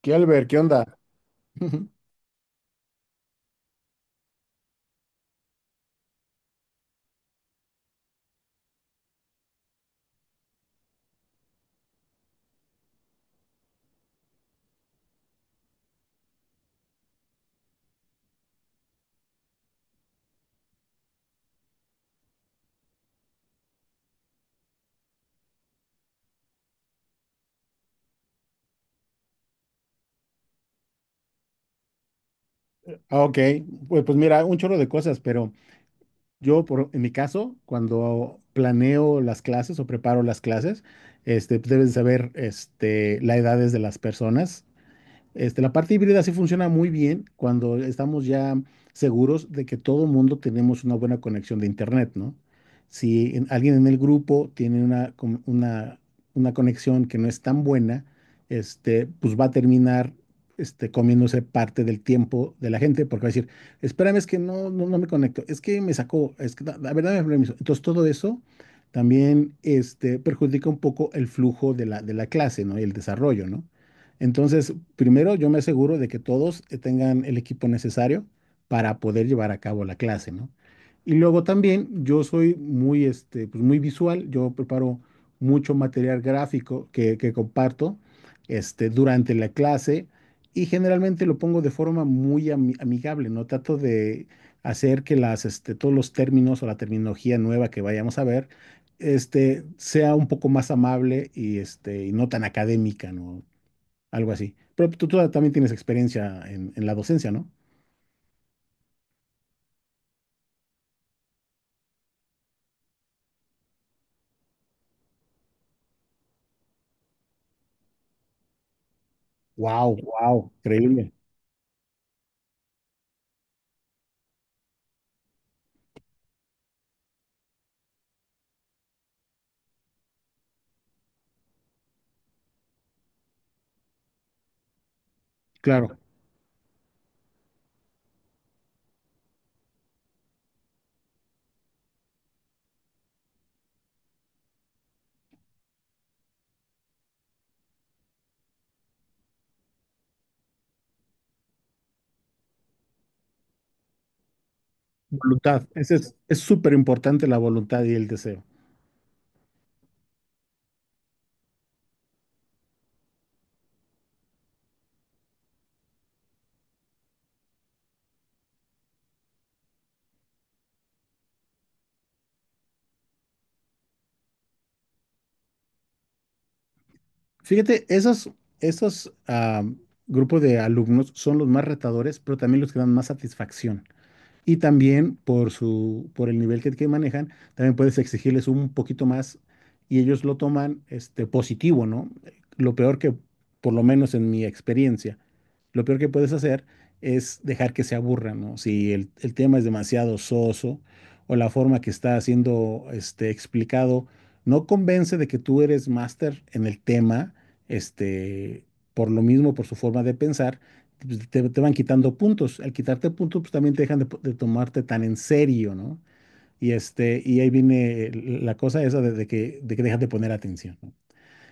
¿Qué Albert? ¿Qué onda? Ah, ok. Pues mira, un chorro de cosas, pero en mi caso, cuando planeo las clases o preparo las clases, pues debes de saber la edades de las personas. La parte híbrida sí funciona muy bien cuando estamos ya seguros de que todo mundo tenemos una buena conexión de internet, ¿no? Si en- Alguien en el grupo tiene una conexión que no es tan buena, pues va a terminar comiéndose parte del tiempo de la gente, porque va a decir, espérame, es que no me conecto, es que me sacó, a ver, dame permiso. Entonces todo eso también perjudica un poco el flujo de la clase, ¿no? Y el desarrollo, ¿no? Entonces, primero yo me aseguro de que todos tengan el equipo necesario para poder llevar a cabo la clase, ¿no? Y luego también yo soy muy visual, yo preparo mucho material gráfico que comparto durante la clase y generalmente lo pongo de forma muy amigable, ¿no? Trato de hacer que todos los términos o la terminología nueva que vayamos a ver sea un poco más amable y no tan académica, ¿no? Algo así. Pero tú también tienes experiencia en la docencia, ¿no? Wow, wow, increíble. Claro, voluntad. Ese es súper importante la voluntad y el deseo. Fíjate, esos grupos de alumnos son los más retadores, pero también los que dan más satisfacción. Y también por el nivel que manejan, también puedes exigirles un poquito más y ellos lo toman positivo, ¿no? Lo peor que, por lo menos en mi experiencia, lo peor que puedes hacer es dejar que se aburran, ¿no? Si el tema es demasiado soso o la forma que está siendo explicado no convence de que tú eres máster en el tema, este, por lo mismo, por su forma de pensar pues, te van quitando puntos. Al quitarte puntos, pues también te dejan de tomarte tan en serio, ¿no? Y ahí viene la cosa esa de que dejas de poner atención, ¿no?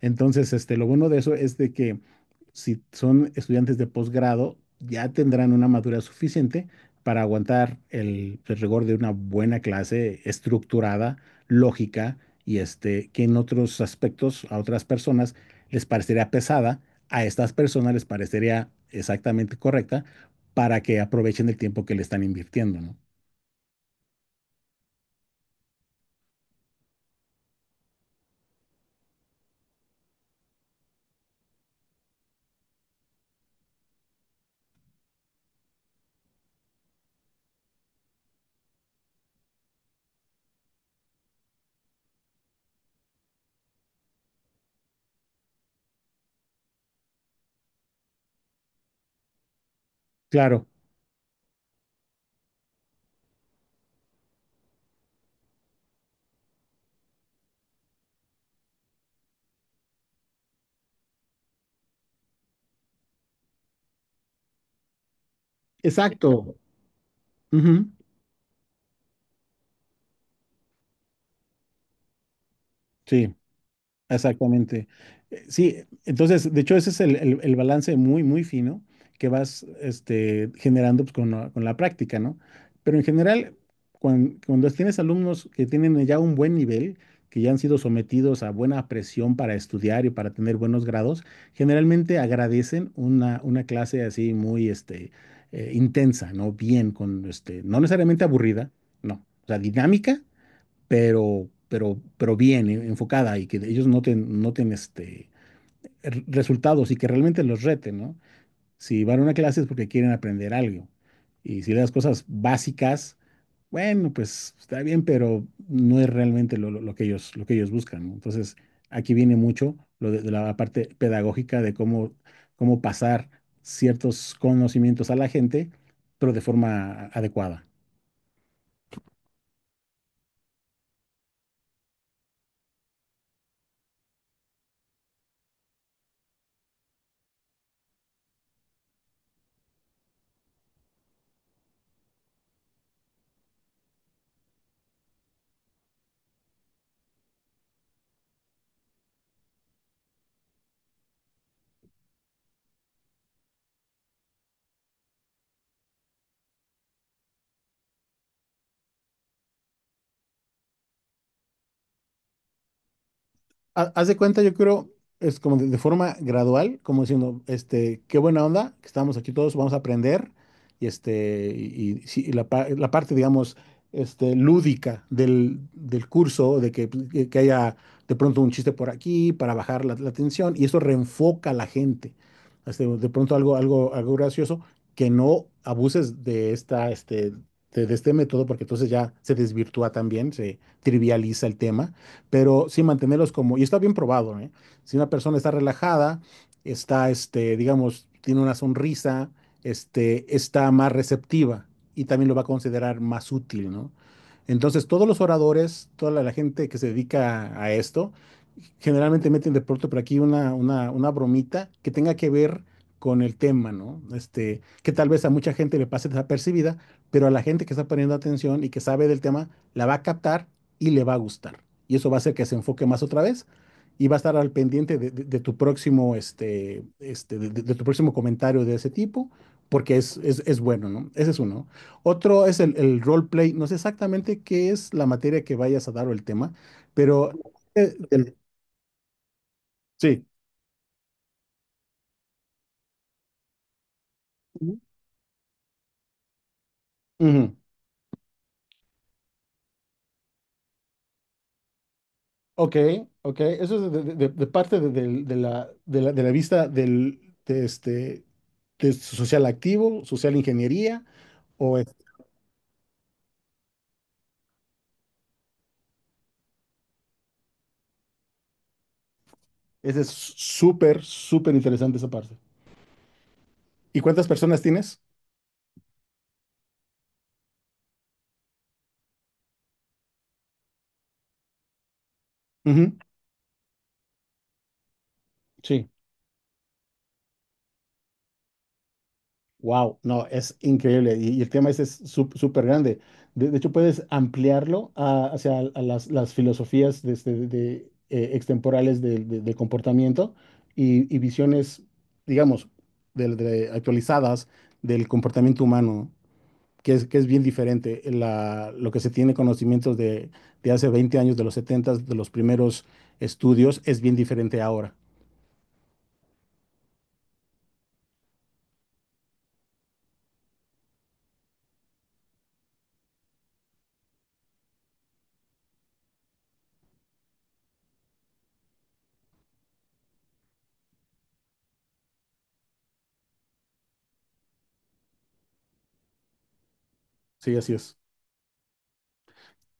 Entonces, lo bueno de eso es de que si son estudiantes de posgrado, ya tendrán una madurez suficiente para aguantar el rigor de una buena clase estructurada, lógica y que en otros aspectos a otras personas les parecería pesada, a estas personas les parecería exactamente correcta para que aprovechen el tiempo que le están invirtiendo, ¿no? Claro, exacto. Ujú. Sí. Exactamente. Sí, entonces, de hecho, ese es el balance muy, muy fino que vas generando pues, con la práctica, ¿no? Pero en general, cuando tienes alumnos que tienen ya un buen nivel, que ya han sido sometidos a buena presión para estudiar y para tener buenos grados, generalmente agradecen una clase así muy intensa, ¿no? Bien, con no necesariamente aburrida, no, o sea, dinámica, pero bien enfocada y que ellos resultados y que realmente los reten, ¿no? Si van a una clase es porque quieren aprender algo. Y si le das cosas básicas, bueno, pues está bien, pero no es realmente lo que ellos buscan, ¿no? Entonces, aquí viene mucho lo de la parte pedagógica de cómo, cómo pasar ciertos conocimientos a la gente, pero de forma adecuada. Haz de cuenta, yo creo, es como de forma gradual, como diciendo, este, qué buena onda, que estamos aquí todos, vamos a aprender, y sí, la parte, digamos, lúdica del curso, de que, pues, que haya de pronto un chiste por aquí para bajar la tensión, y eso reenfoca a la gente. Este, de pronto algo gracioso, que no abuses de esta, este, de este método, porque entonces ya se desvirtúa también, se trivializa el tema, pero sí mantenerlos como, y está bien probado, ¿eh? Si una persona está relajada, está, este, digamos, tiene una sonrisa, este, está más receptiva y también lo va a considerar más útil, ¿no? Entonces, todos los oradores, toda la gente que se dedica a esto, generalmente meten de pronto por aquí una bromita que tenga que ver con el tema, ¿no? Este, que tal vez a mucha gente le pase desapercibida, pero a la gente que está poniendo atención y que sabe del tema, la va a captar y le va a gustar y eso va a hacer que se enfoque más otra vez y va a estar al pendiente de tu próximo, este, de tu próximo comentario de ese tipo, porque es bueno, ¿no? Ese es uno. Otro es el roleplay. No sé exactamente qué es la materia que vayas a dar o el tema, pero... eh, del- sí. Ujú. Ujú. Ok, ok. Eso es de parte de la vista de de social activo, social ingeniería. Ese es súper, súper interesante esa parte. ¿Y cuántas personas tienes? Ujú. Sí. Wow, no, es increíble. Y el tema ese es súper grande. De hecho, puedes ampliarlo hacia a las filosofías extemporales del comportamiento y visiones, digamos, de actualizadas del comportamiento humano. Que es bien diferente, lo que se tiene conocimientos de hace 20 años, de los 70, de los primeros estudios, es bien diferente ahora. Sí, así es.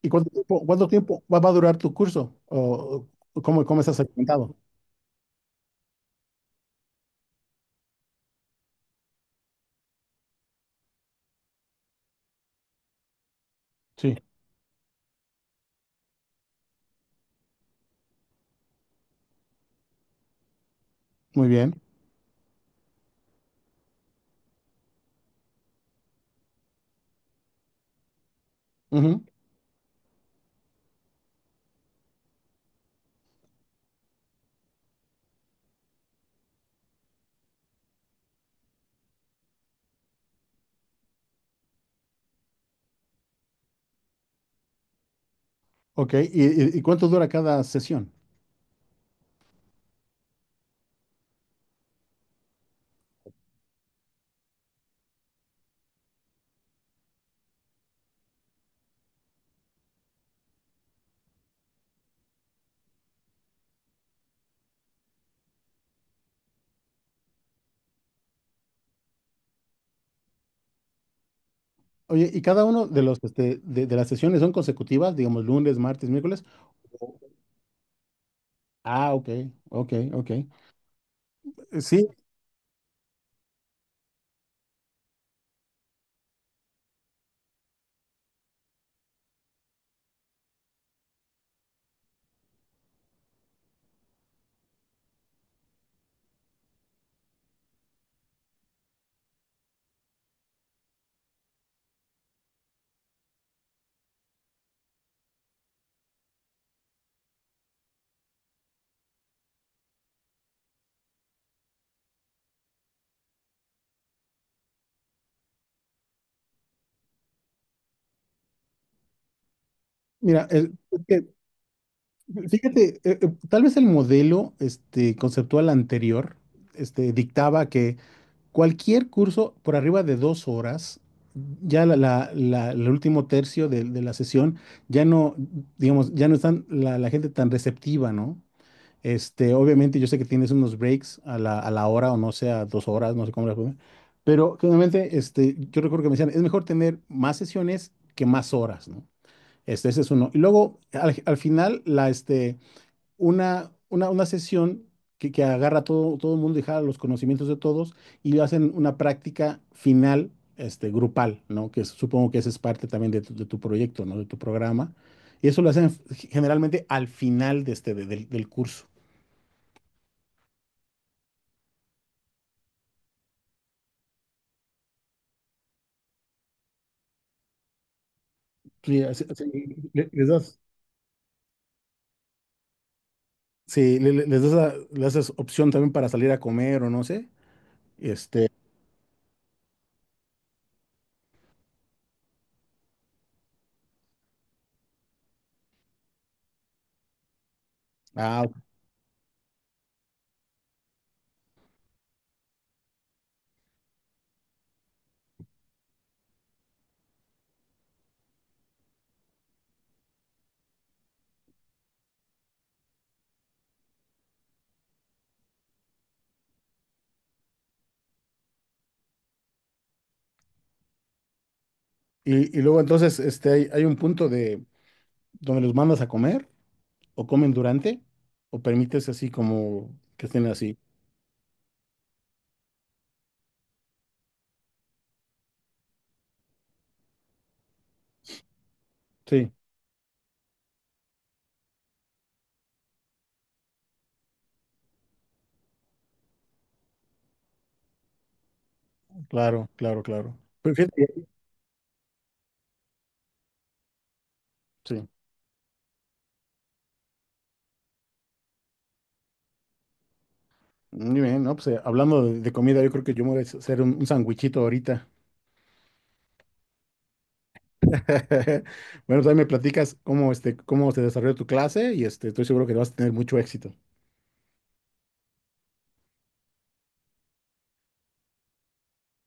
¿Y cuánto tiempo va a durar tu curso? ¿O cómo, cómo estás segmentado? Sí, muy bien. Ujú. Ok, ¿y cuánto dura cada sesión? Oye, ¿y cada uno de los de las sesiones son consecutivas, digamos lunes, martes, miércoles? O- Ah, ok, ok, ok. Sí, mira, el- Fíjate, tal vez el modelo conceptual anterior dictaba que cualquier curso por arriba de 2 horas, ya el último tercio de la sesión, ya no, digamos, ya no están la gente tan receptiva, ¿no? Obviamente yo sé que tienes unos breaks a la hora o no sé, a 2 horas, no sé cómo la pongan, pero generalmente yo recuerdo que me decían, es mejor tener más sesiones que más horas, ¿no? Ese es uno. Y luego, al final, la, este, una sesión que agarra a todo el mundo y jala los conocimientos de todos y hacen una práctica final grupal, ¿no? Que es- supongo que esa es parte también de tu proyecto, ¿no? De tu programa. Y eso lo hacen generalmente al final de este, del curso. Sí, así- así, les das, sí, les das, le haces opción también para salir a comer o no sé. Este, ah, y luego entonces hay un punto de donde los mandas a comer, o comen durante, o permites así como que estén así. Sí, claro, claro, claro. Pero fíjate, sí. Muy bien, ¿no? Pues hablando de comida, yo creo que yo me voy a hacer un sandwichito ahorita. Bueno, también me platicas cómo, este, cómo se desarrolló tu clase y este, estoy seguro que vas a tener mucho éxito.